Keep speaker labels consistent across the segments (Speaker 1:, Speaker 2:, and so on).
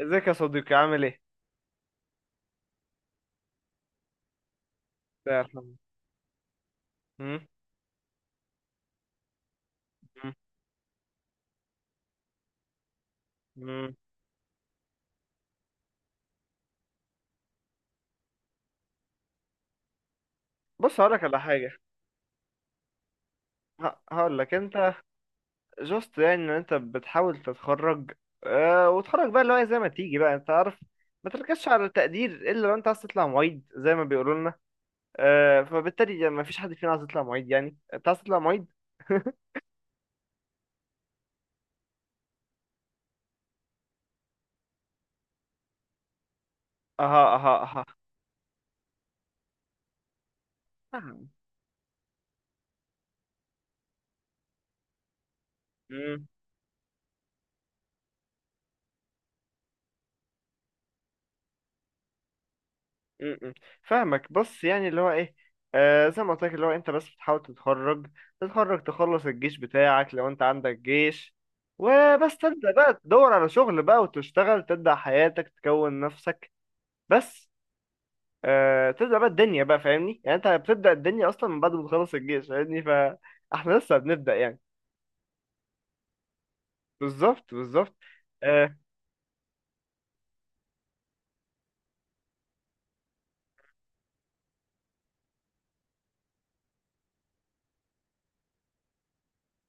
Speaker 1: ازيك يا صديقي عامل ايه؟ الله يرحمه. مم؟ مم؟ مم. بص هقولك على حاجة. هقولك انت جوست، يعني ان انت بتحاول تتخرج. اه، وتخرج بقى اللي هو زي ما تيجي بقى انت عارف، ما تركزش على التقدير الا لو انت عايز تطلع معيد زي ما بيقولوا لنا. اه، فبالتالي يعني ما فيش حد فينا عايز يطلع معيد، يعني انت عايز تطلع معيد؟ اها اها اها. مم. م- م. فاهمك. بص يعني اللي هو ايه، زي ما قلت لك اللي هو انت بس بتحاول تتخرج، تتخرج، تخلص الجيش بتاعك لو انت عندك جيش، وبس تبدأ بقى تدور على شغل بقى وتشتغل، تبدأ حياتك، تكون نفسك. بس، تبدأ بقى الدنيا بقى، فاهمني؟ يعني انت بتبدأ الدنيا اصلا من بعد ما تخلص الجيش، فاهمني؟ فاحنا لسه بنبدأ يعني. بالظبط بالظبط. آه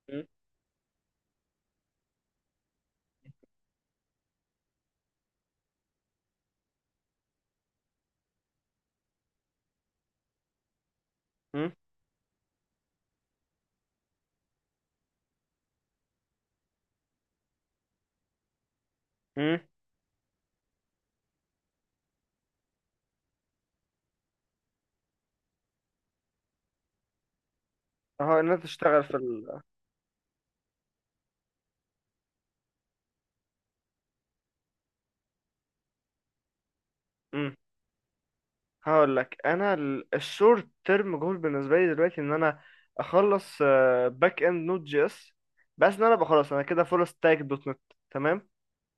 Speaker 1: م- م- م. اهو ان انت تشتغل في ال... م. هقول لك انا، الشورت تيرم جول بالنسبه لي دلوقتي ان انا اخلص باك اند نوت جي اس، بس ان انا أبقى خلاص، انا كده فول ستاك دوت نت، تمام؟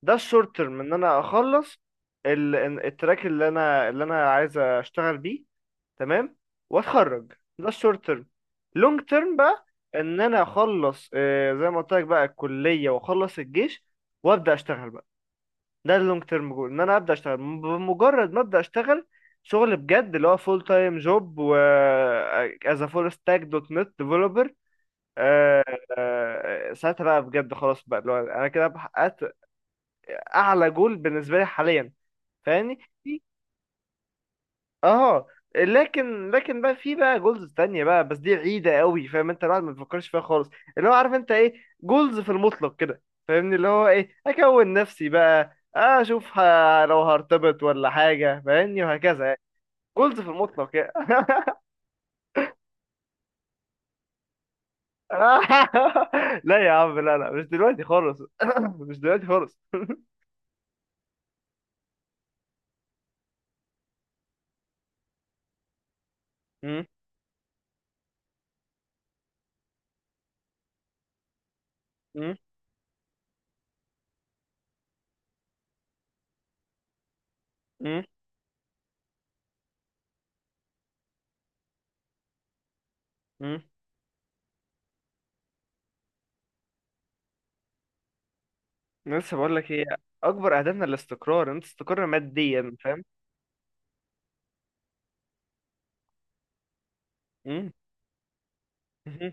Speaker 1: ده الشورت تيرم، ان انا اخلص التراك اللي انا عايز اشتغل بيه، تمام؟ واتخرج. ده الشورت تيرم. لونج تيرم بقى، ان انا اخلص، زي ما قلت لك بقى، الكليه واخلص الجيش وابدا اشتغل بقى. ده اللونج تيرم جول، ان انا ابدا اشتغل بمجرد ما ابدا اشتغل شغل بجد اللي هو فول تايم جوب، و از فول ستاك دوت نت ديفلوبر. ساعتها بقى بجد خلاص بقى اللي هو انا كده بحققت اعلى جول بالنسبه لي حاليا، فاهمني؟ اه. لكن بقى في بقى جولز تانية بقى، بس دي بعيدة قوي، فاهم؟ انت الواحد ما بيفكرش فيها خالص. اللي هو عارف انت ايه، جولز في المطلق كده، فاهمني؟ اللي هو ايه، اكون نفسي بقى اشوف لو هرتبط ولا حاجة، فاهمني؟ وهكذا يعني، جولز في المطلق يعني. لا يا عم، لا لا، مش دلوقتي خالص. مش دلوقتي خالص. مم، مم، مم، مم. لسه بقول لك ايه، اكبر اهدافنا الاستقرار، إن انت تستقر ماديا، فاهم؟ مم، مم.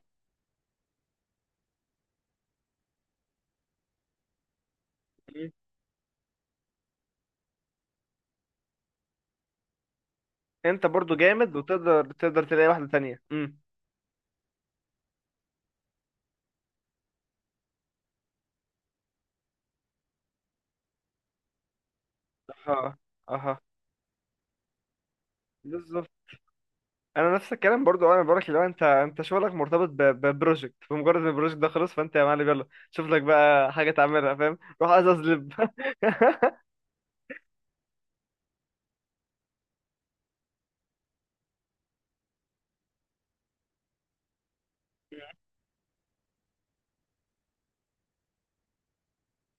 Speaker 1: انت برضو جامد، وتقدر تقدر تلاقي واحده تانية. اها اها. بالظبط. انا نفس الكلام برضو، انا بقولك لو انت شغلك مرتبط ببروجكت، فمجرد ان البروجكت ده خلص فانت يا معلم يلا شوف لك بقى حاجه تعملها، فاهم؟ روح ازاز لب.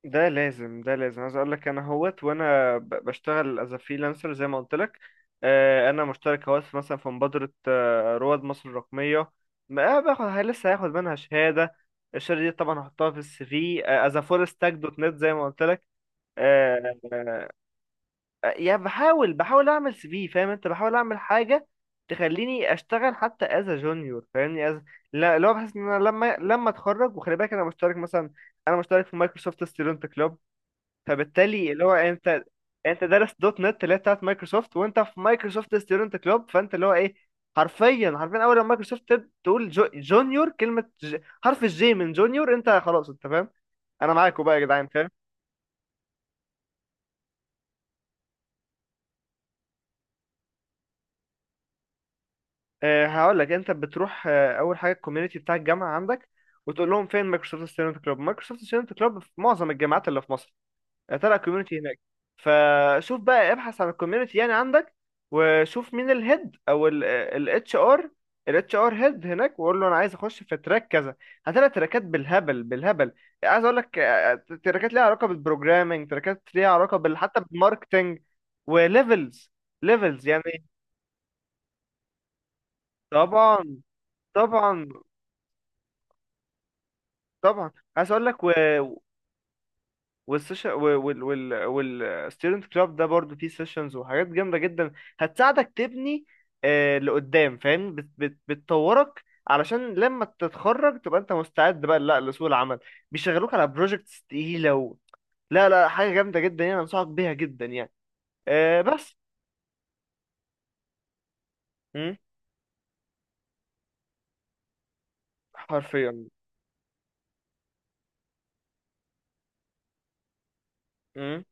Speaker 1: ده لازم، ده لازم. عايز اقول لك، انا هوت وانا بشتغل از فريلانسر زي ما قلت لك. انا مشترك هوت مثلا في مبادره، رواد مصر الرقميه، ما باخد لسه هاخد منها شهاده. الشهاده دي طبعا هحطها في السي في از فول ستاك دوت نت زي ما قلت لك. آه، يعني بحاول، اعمل سي في، فاهم انت؟ بحاول اعمل حاجه تخليني اشتغل حتى از جونيور، فاهمني؟ از... لا، اللي هو بحس ان انا لما اتخرج، وخلي بالك انا مشترك مثلا، انا مشترك في مايكروسوفت ستودنت كلوب، فبالتالي اللي هو انت، انت دارس دوت نت اللي هي بتاعت مايكروسوفت، وانت في مايكروسوفت ستودنت كلوب، فانت اللي هو ايه، حرفيا حرفيا، اول لما مايكروسوفت تقول جو جونيور كلمه ج... حرف الجي من جونيور، انت خلاص، انت فاهم، انا معاكوا بقى يا جدعان، فاهم؟ أه، هقول لك انت بتروح. أه، اول حاجه الكوميونتي بتاع الجامعه عندك، وتقول لهم فين مايكروسوفت ستودنت كلوب. مايكروسوفت ستودنت كلوب في معظم الجامعات اللي في مصر، طلع كوميونتي هناك. فشوف بقى، ابحث عن الكوميونتي يعني عندك، وشوف مين الهيد او الاتش ار، الاتش ار هيد هناك، وقول له انا عايز اخش في تراك كذا. هتلاقي تراكات بالهبل بالهبل. عايز اقول لك، تراكات ليها علاقه بالبروجرامنج، تراكات ليها علاقه بال، حتى بالماركتنج، وليفلز، ليفلز يعني. طبعا طبعا طبعا. عايز اقول لك، والسيشن والستودنت كلاب ده برضو فيه سيشنز وحاجات جامده جدا، هتساعدك تبني لقدام، فاهم؟ بت بت بتطورك علشان لما تتخرج تبقى انت مستعد بقى لا، لسوق العمل، بيشغلوك على بروجكتس تقيله و... لا لا، حاجه جامده جدا يعني، انصحك بيها جدا يعني. بس. مم. حرفيا. مم.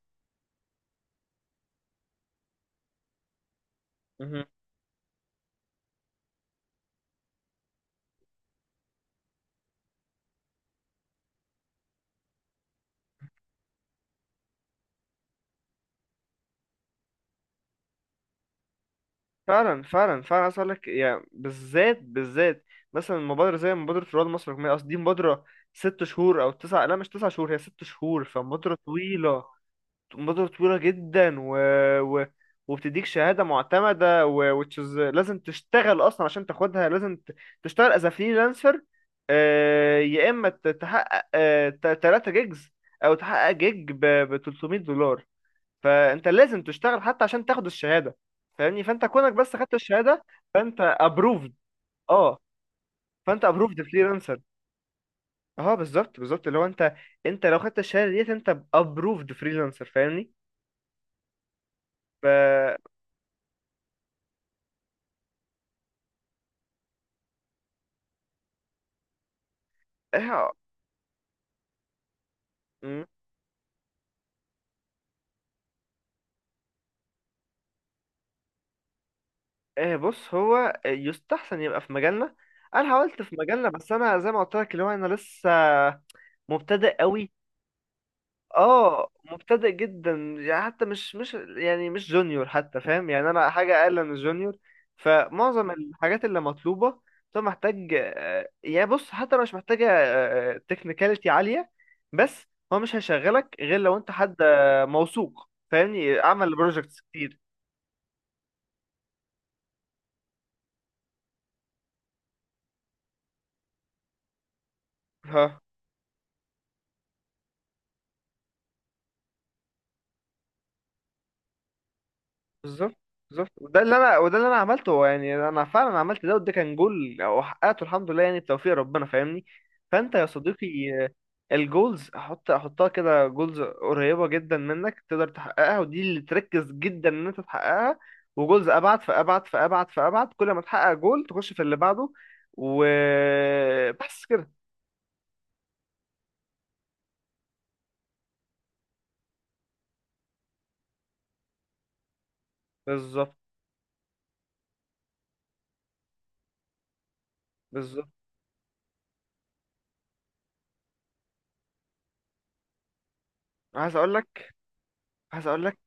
Speaker 1: فعلا فعلا فعلا. عايز اقول لك يعني، بالذات بالذات، مثلا مبادره زي مبادره رواد مصر الرقميه، قصدي دي مبادره 6 شهور او تسع، لا، مش 9 شهور، هي 6 شهور. فمبادره طويله، مبادره طويله جدا، و... و... وبتديك شهاده معتمده، و... which is لازم تشتغل اصلا عشان تاخدها، لازم ت... تشتغل از فريلانسر. يا اما تحقق 3 جيجز، او تحقق جيج ب $300. فانت لازم تشتغل حتى عشان تاخد الشهاده، فاهمني؟ فانت كونك بس خدت الشهاده، فانت ابروفد. اه، فانت ابروفد فريلانسر. اه. بالظبط بالظبط، اللي هو انت، انت لو خدت الشهاده ديت انت ابروفد فريلانسر، فاهمني؟ ف... إيه... م- إيه، بص، هو يستحسن يبقى في مجالنا. انا حاولت في مجالنا بس انا زي ما قلت لك اللي هو انا لسه مبتدئ قوي. اه، مبتدئ جدا. يعني حتى مش يعني مش جونيور حتى، فاهم يعني؟ انا حاجه اقل من الجونيور. فمعظم الحاجات اللي مطلوبه، طب محتاج يعني بص، حتى لو مش محتاجه تكنيكاليتي عاليه، بس هو مش هيشغلك غير لو انت حد موثوق، فاهمني؟ عمل بروجكتس كتير. ها. بالظبط بالظبط. وده اللي انا عملته، هو يعني انا فعلا عملت ده، وده كان جول او حققته الحمد لله، يعني بتوفيق ربنا، فاهمني؟ فانت يا صديقي، آه، الجولز حطها كده، جولز قريبه جدا منك تقدر تحققها، ودي اللي تركز جدا ان انت تحققها، وجولز ابعد فابعد فابعد فابعد، كل ما تحقق جول تخش في اللي بعده، وبس كده. بالظبط بالظبط. عايز اقول لك عايز اقول لك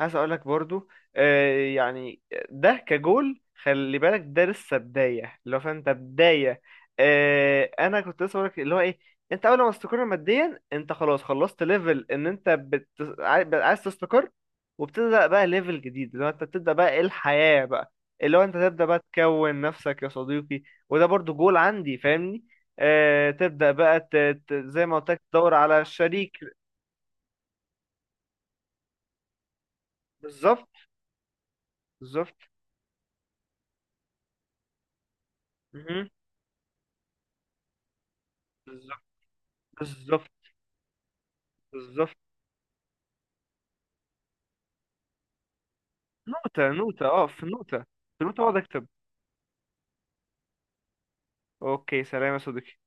Speaker 1: عايز اقول لك برضو، يعني، ده كجول خلي بالك، ده لسه بدايه، اللي هو فانت بدايه. انا كنت لسه بقول لك اللي هو ايه، انت اول ما تستقر ماديا انت خلاص خلصت ليفل، ان انت بت... بقى عايز تستقر، وبتبدا بقى ليفل جديد، اللي هو انت بتبدا بقى ايه، الحياه بقى، اللي هو انت تبدا بقى تكون نفسك يا صديقي. وده برضو جول عندي، فاهمني؟ تبدا بقى ت... زي ما قلت لك، تدور على شريك. بالظبط بالظبط بالظبط بالظبط بالظبط. نوتة نوتة، اه، في نوتة، في نوتة اقعد اكتب. اوكي، سلام يا صديقي.